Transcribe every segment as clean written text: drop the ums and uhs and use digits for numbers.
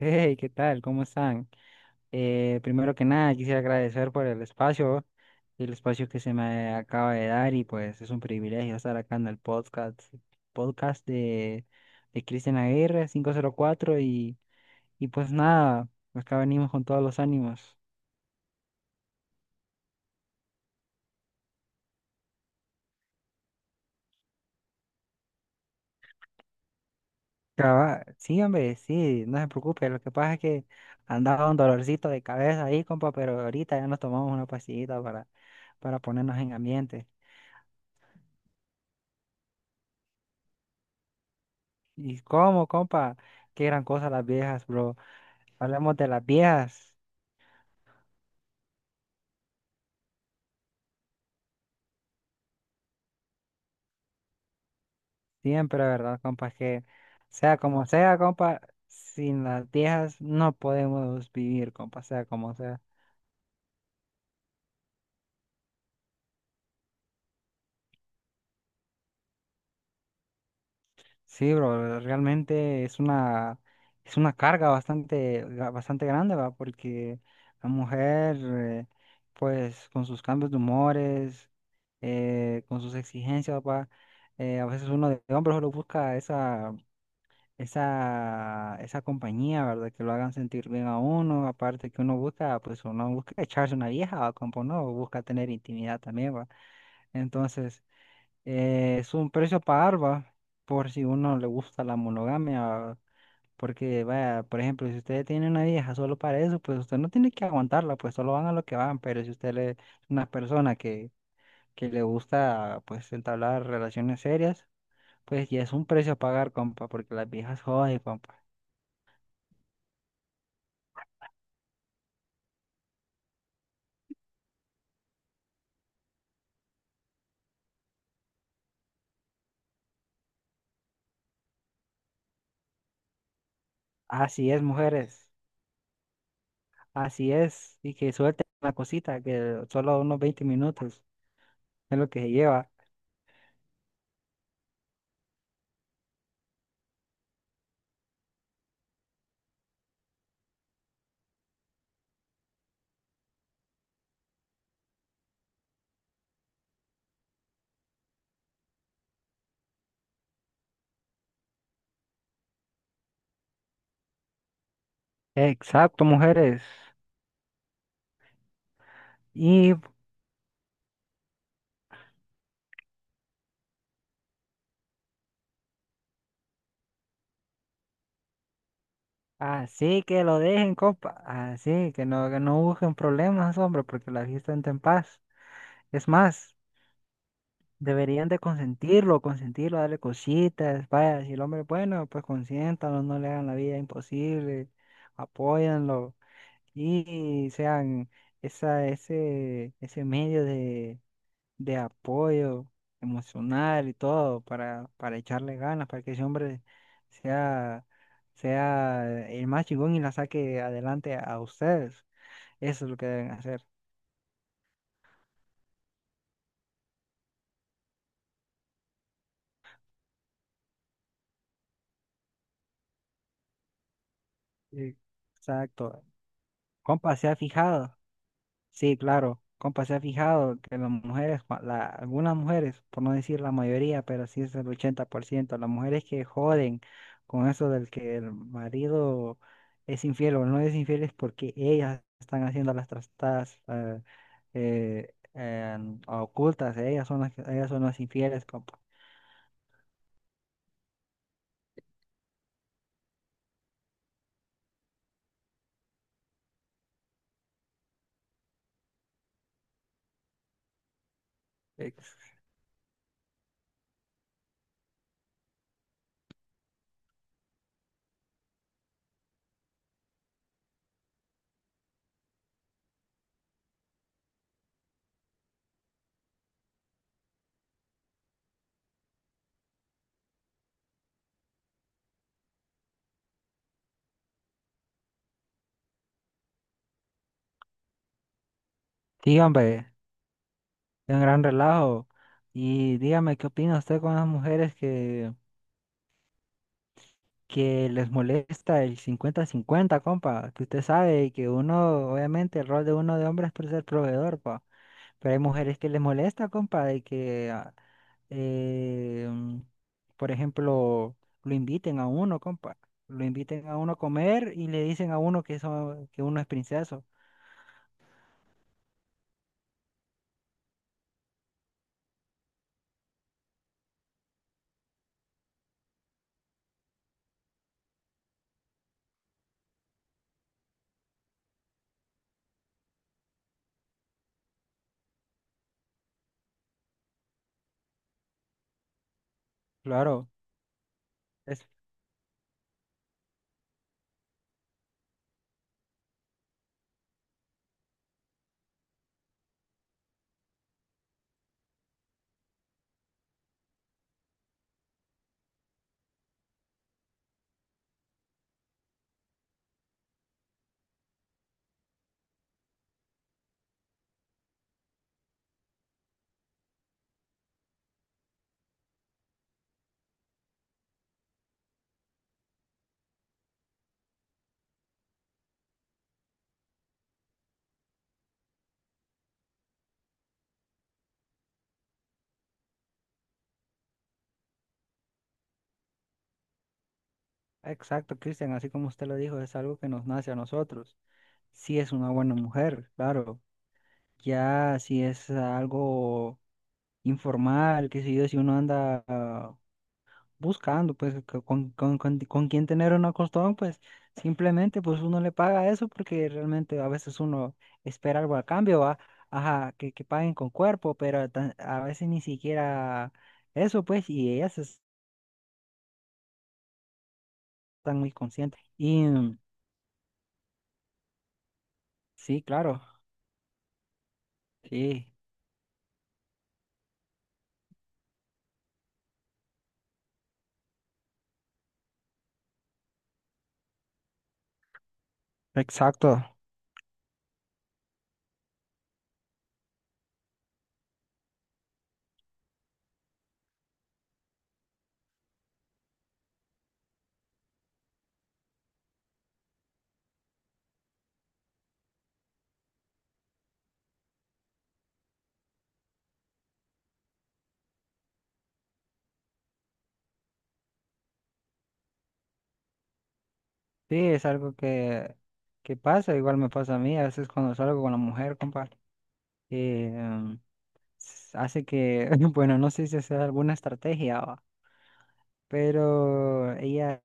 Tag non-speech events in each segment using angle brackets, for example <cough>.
Hey, ¿qué tal? ¿Cómo están? Primero que nada, quisiera agradecer por el espacio que se me acaba de dar, y pues es un privilegio estar acá en el podcast, podcast de, de Cristian Aguirre 504. Y pues nada, acá venimos con todos los ánimos. Sí, hombre, sí, no se preocupe, lo que pasa es que andaba un dolorcito de cabeza ahí, compa, pero ahorita ya nos tomamos una pastillita para ponernos en ambiente. ¿Y cómo, compa? Qué gran cosa las viejas, bro. Hablemos de las viejas, siempre, ¿verdad, compa? Que sea como sea, compa, sin las viejas no podemos vivir, compa, sea como sea. Sí, bro, realmente es una carga bastante grande, ¿va? Porque la mujer, pues, con sus cambios de humores, con sus exigencias, ¿va? A veces uno de hombre solo busca esa compañía, ¿verdad? Que lo hagan sentir bien a uno, aparte que uno busca, pues uno busca echarse una vieja, ¿va, compa? Uno busca tener intimidad también, ¿va? Entonces, es un precio a pagar, ¿va? Por si uno le gusta la monogamia, ¿va? Porque, vaya, por ejemplo, si usted tiene una vieja solo para eso, pues usted no tiene que aguantarla, pues solo van a lo que van, pero si es una persona que le gusta, pues, entablar relaciones serias, pues ya es un precio a pagar, compa, porque las viejas joden, compa. Así es, mujeres, así es. Y que suelten la cosita, que solo unos 20 minutos es lo que se lleva. Exacto, mujeres. Y así que lo dejen, compa. Así que no busquen problemas, hombre, porque la fiesta entra en paz. Es más, deberían de consentirlo, consentirlo, darle cositas. Vaya, si el hombre es bueno, pues consiéntalo, no le hagan la vida imposible, apóyanlo y sean ese medio de apoyo emocional y todo para echarle ganas, para que ese hombre sea, sea el más chingón y la saque adelante a ustedes. Eso es lo que deben hacer. Eh, Exacto. Compa, se ha fijado. Sí, claro. Compa, se ha fijado que las mujeres, algunas mujeres, por no decir la mayoría, pero sí es el 80%, las mujeres que joden con eso del que el marido es infiel o no es infiel es porque ellas están haciendo las trastadas eh, a ocultas, ellas son ellas son las infieles, compa. Ex. Sí, hombre, es un gran relajo. Y dígame, ¿qué opina usted con las mujeres que les molesta el cincuenta-cincuenta, compa, que usted sabe que uno, obviamente, el rol de uno de hombre es por ser proveedor, pa, pero hay mujeres que les molesta, compa, de que, ah, eh, mm, por ejemplo, lo inviten a uno, compa, lo inviten a uno a comer y le dicen a uno que, eso, que uno es princeso. Claro, es exacto, Cristian, así como usted lo dijo, es algo que nos nace a nosotros. Si es una buena mujer, claro. Ya si es algo informal, qué sé yo, si uno anda buscando, pues, con quién tener un acostón, pues, simplemente, pues, uno le paga eso porque realmente a veces uno espera algo a cambio, ¿va? Ajá, que paguen con cuerpo, pero a veces ni siquiera eso, pues, están muy conscientes. Y sí, claro, sí, exacto. Sí, es algo que pasa, igual me pasa a mí, a veces cuando salgo con la mujer, compa. eh, Hace que, <laughs> bueno, no sé si es alguna estrategia, va, pero ella,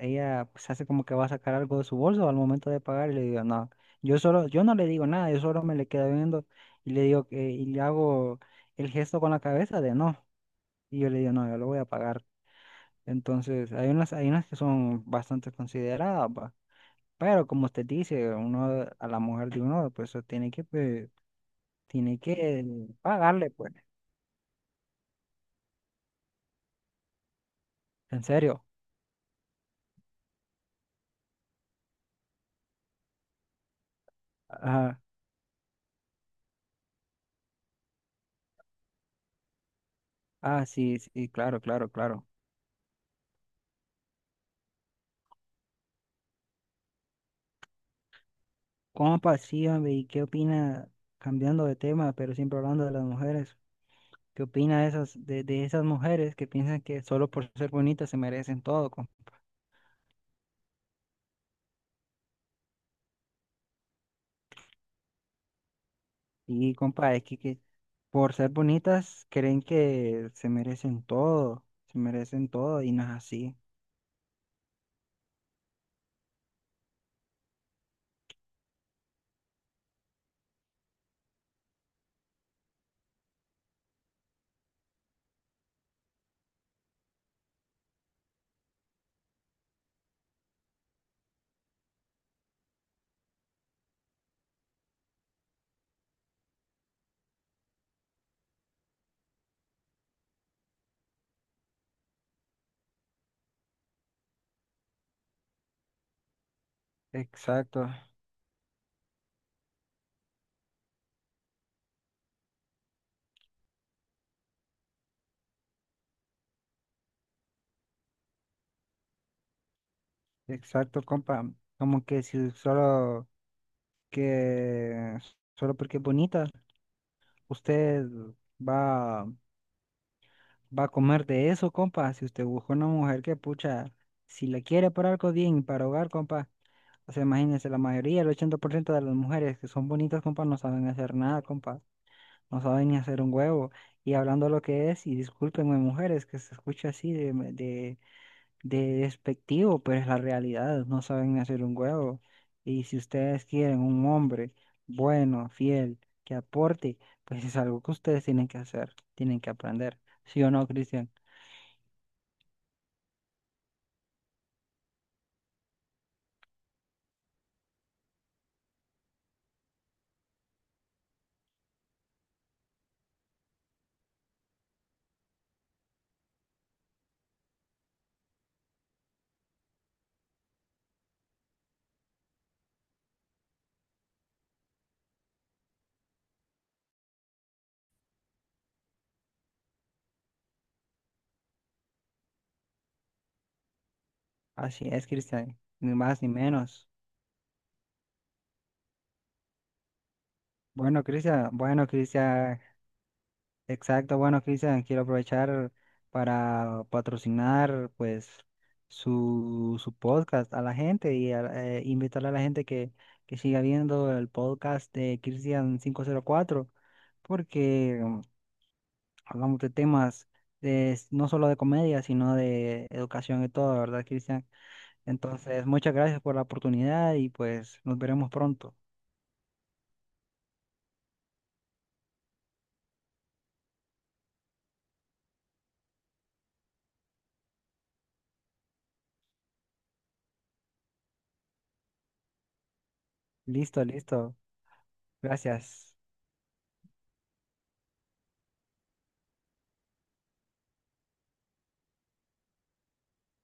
ella pues hace como que va a sacar algo de su bolso al momento de pagar y le digo, no, yo solo, yo no le digo nada, yo solo me le quedo viendo y le digo que, y le hago el gesto con la cabeza de no, y yo le digo, no, yo lo voy a pagar. Entonces, hay unas que son bastante consideradas, va, pero como usted dice, uno, a la mujer de uno, pues, tiene que pagarle, pues, en serio. Ah, sí, sí, claro, claro, claro. ¿Cómo pasía, hombre? ¿Y qué opina, cambiando de tema, pero siempre hablando de las mujeres? ¿Qué opina de de esas mujeres que piensan que solo por ser bonitas se merecen todo? Com- Y compa, es que por ser bonitas creen que se merecen todo y no es así. Exacto, exacto, compa. Como que si solo que solo porque es bonita, usted va va a comer de eso, compa. Si usted busca una mujer que, pucha, si la quiere para algo bien, para hogar, compa. O sea, imagínense, la mayoría, el 80% de las mujeres que son bonitas, compa, no saben hacer nada, compa. No saben ni hacer un huevo. Y hablando lo que es, y discúlpenme, mujeres, que se escucha así de despectivo, pero es la realidad, no saben ni hacer un huevo. Y si ustedes quieren un hombre bueno, fiel, que aporte, pues es algo que ustedes tienen que hacer, tienen que aprender. ¿Sí o no, Cristian? Así es, Cristian, ni más ni menos. Bueno, Cristian, bueno, Cristian, exacto, bueno, Cristian, quiero aprovechar para patrocinar pues su podcast a la gente y invitarle a la gente que siga viendo el podcast de Cristian 504, porque hablamos de temas de, no solo de comedia, sino de educación y todo, ¿verdad, Cristian? Entonces, muchas gracias por la oportunidad y pues nos veremos pronto. Listo, listo. Gracias.